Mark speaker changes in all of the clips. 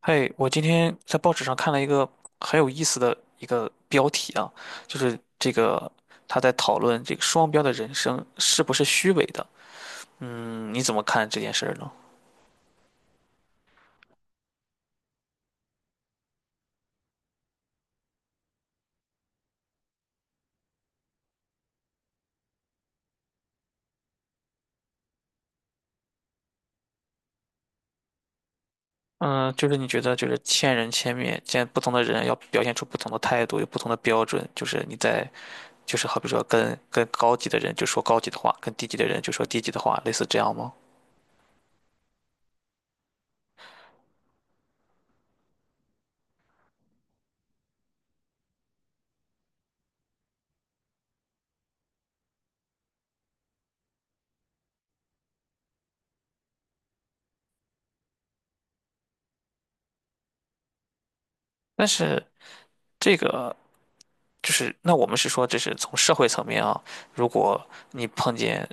Speaker 1: 嘿，我今天在报纸上看了一个很有意思的一个标题啊，就是这个他在讨论这个双标的人生是不是虚伪的。嗯，你怎么看这件事儿呢？嗯，就是你觉得就是千人千面，见不同的人要表现出不同的态度，有不同的标准，就是你在就是好比说跟高级的人就说高级的话，跟低级的人就说低级的话，类似这样吗？但是这个就是那我们是说这是从社会层面啊，如果你碰见。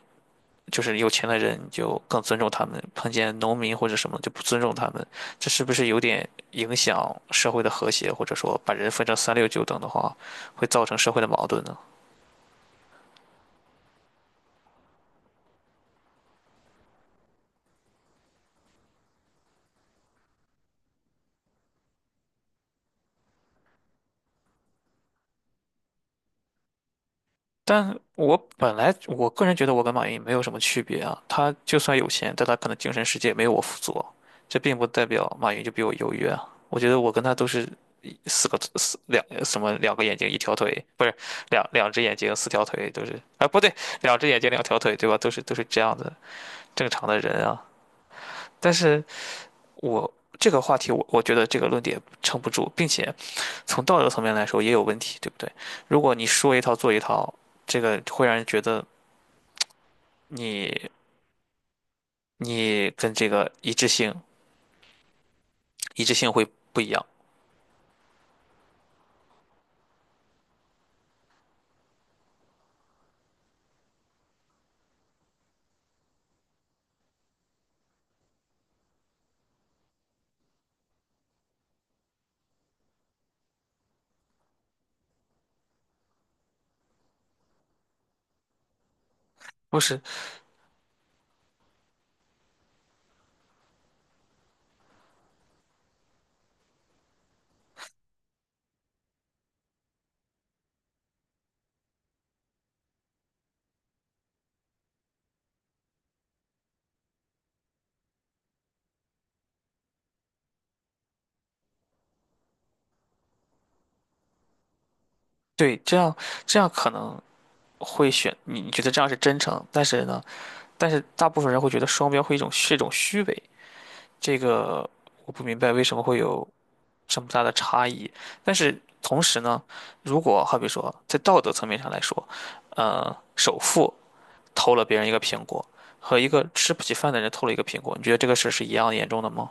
Speaker 1: 就是有钱的人就更尊重他们，碰见农民或者什么就不尊重他们，这是不是有点影响社会的和谐，或者说把人分成三六九等的话，会造成社会的矛盾呢？但我本来我个人觉得我跟马云没有什么区别啊，他就算有钱，但他可能精神世界没有我富足，这并不代表马云就比我优越啊。我觉得我跟他都是四个四两什么两个眼睛一条腿，不是两只眼睛四条腿都是啊，不对，两只眼睛两条腿对吧？都是都是这样子。正常的人啊。但是我这个话题我觉得这个论点撑不住，并且从道德层面来说也有问题，对不对？如果你说一套做一套，这个会让人觉得你你跟这个一致性会不一样，不是？对，这样可能会选你觉得这样是真诚，但是呢，但是大部分人会觉得双标会一种是一种虚伪，这个我不明白为什么会有这么大的差异。但是同时呢，如果好比说在道德层面上来说，首富偷了别人一个苹果，和一个吃不起饭的人偷了一个苹果，你觉得这个事儿是一样严重的吗？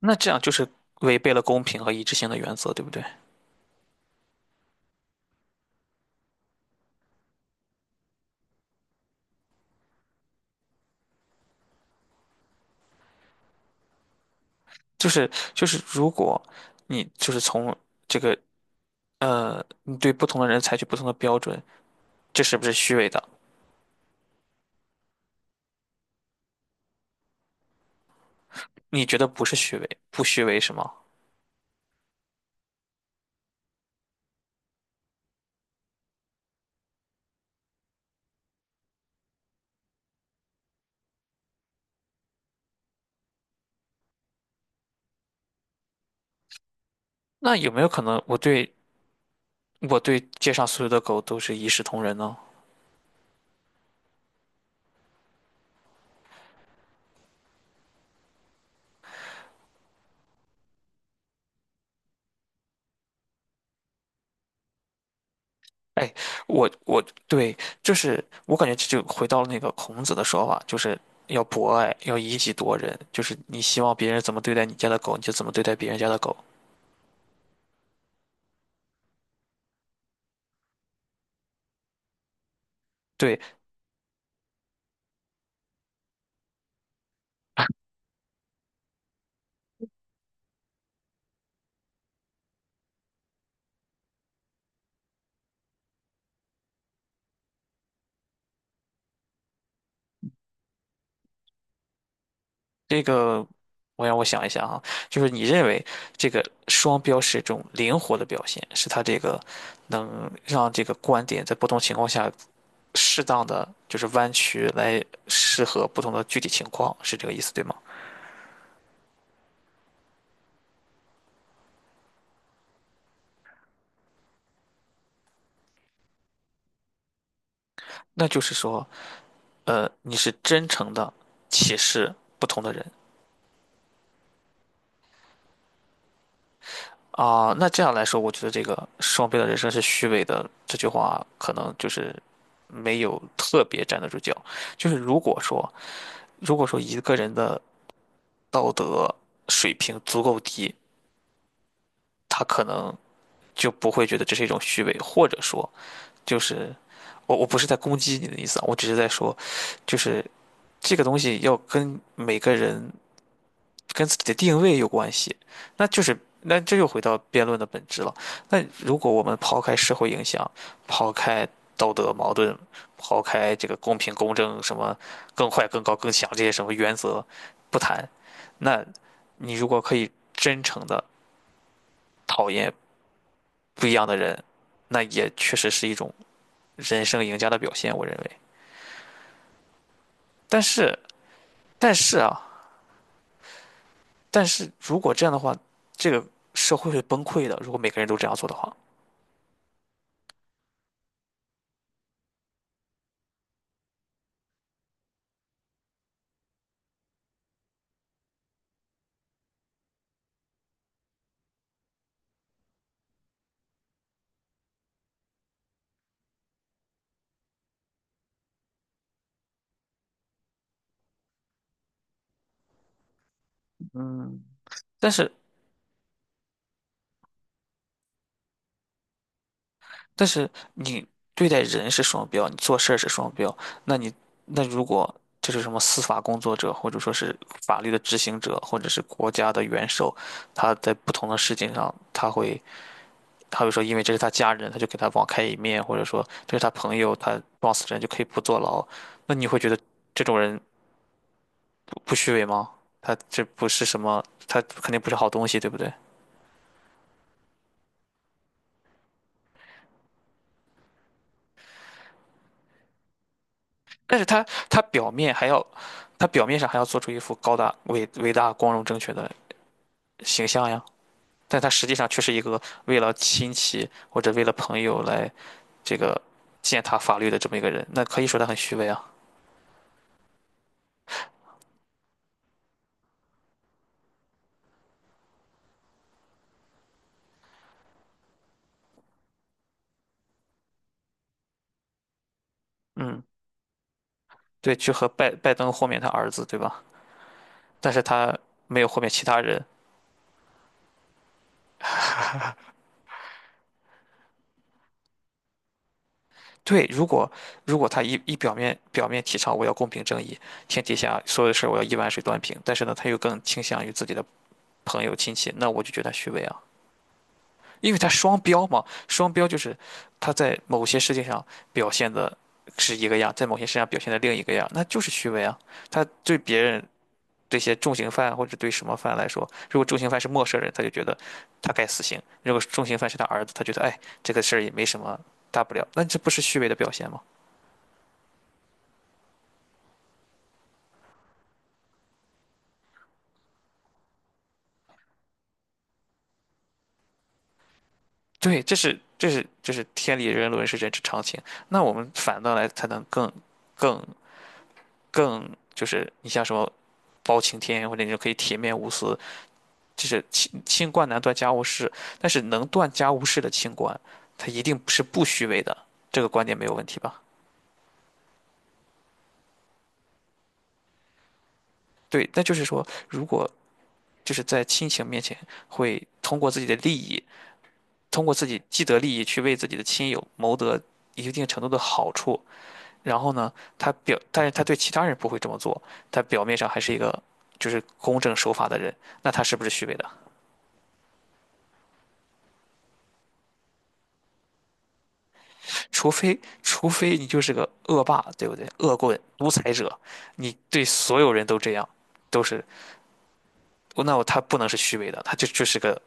Speaker 1: 那这样就是违背了公平和一致性的原则，对不对？就是，如果你就是从这个你对不同的人采取不同的标准，这是不是虚伪的？你觉得不是虚伪，不虚伪是吗？那有没有可能我对街上所有的狗都是一视同仁呢？哎，我我对，就是我感觉这就回到了那个孔子的说法，就是要博爱，要以己度人，就是你希望别人怎么对待你家的狗，你就怎么对待别人家的狗。对，这个我让我想一下啊，就是你认为这个双标是一种灵活的表现，是它这个能让这个观点在不同情况下适当的就是弯曲来适合不同的具体情况，是这个意思对吗？那就是说，你是真诚的歧视不同的人啊。那这样来说，我觉得这个“双倍的人生是虚伪的”这句话，可能就是没有特别站得住脚。就是如果说，如果说一个人的道德水平足够低，他可能就不会觉得这是一种虚伪，或者说，就是我不是在攻击你的意思啊，我只是在说，就是这个东西要跟每个人跟自己的定位有关系，那就是那这又回到辩论的本质了。那如果我们抛开社会影响，抛开道德矛盾，抛开这个公平公正什么更快更高更强这些什么原则不谈，那你如果可以真诚的讨厌不一样的人，那也确实是一种人生赢家的表现，我认为。但是，但是啊，但是如果这样的话，这个社会会崩溃的。如果每个人都这样做的话。嗯，但是但是你对待人是双标，你做事儿是双标，那你那如果这是什么司法工作者，或者说是法律的执行者，或者是国家的元首，他在不同的事情上，他会说，因为这是他家人，他就给他网开一面，或者说这是他朋友，他撞死人就可以不坐牢，那你会觉得这种人不虚伪吗？他这不是什么，他肯定不是好东西，对不对？但是他表面还要，他表面上还要做出一副高大伟大光荣正确的形象呀，但他实际上却是一个为了亲戚或者为了朋友来这个践踏法律的这么一个人，那可以说他很虚伪啊。嗯，对，去和拜登豁免他儿子，对吧？但是他没有豁免其他人。对，如果他一一表面表面提倡我要公平正义，天底下所有的事儿我要一碗水端平，但是呢，他又更倾向于自己的朋友亲戚，那我就觉得他虚伪啊。因为他双标嘛，双标就是他在某些事情上表现的是一个样，在某些事情上表现的另一个样，那就是虚伪啊。他对别人这些重刑犯或者对什么犯来说，如果重刑犯是陌生人，他就觉得他该死刑；如果重刑犯是他儿子，他觉得哎这个事儿也没什么大不了，那这不是虚伪的表现吗？对，这是天理人伦是人之常情。那我们反倒来才能更更就是你像什么包青天或者你就可以铁面无私。就是清官难断家务事，但是能断家务事的清官，他一定是不虚伪的，这个观点没有问题吧？对，那就是说，如果就是在亲情面前，会通过自己的利益，通过自己既得利益去为自己的亲友谋得一定程度的好处，然后呢，但是他对其他人不会这么做，他表面上还是一个就是公正守法的人，那他是不是虚伪的？除非你就是个恶霸，对不对？恶棍、独裁者，你对所有人都这样，都是那我他不能是虚伪的，他就就是个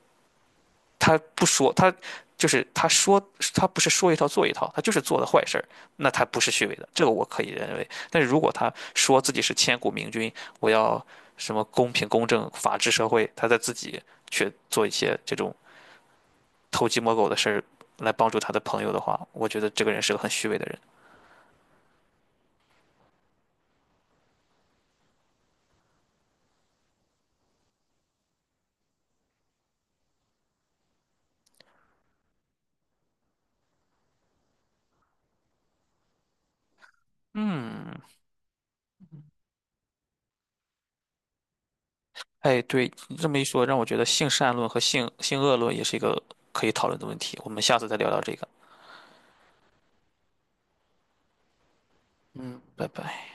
Speaker 1: 他不说他就是他说他不是说一套做一套，他就是做的坏事儿，那他不是虚伪的，这个我可以认为。但是如果他说自己是千古明君，我要什么公平公正、法治社会，他在自己去做一些这种偷鸡摸狗的事儿来帮助他的朋友的话，我觉得这个人是个很虚伪的人。嗯。哎，对，你这么一说，让我觉得性善论和性恶论也是一个可以讨论的问题。我们下次再聊聊这个。嗯。拜拜。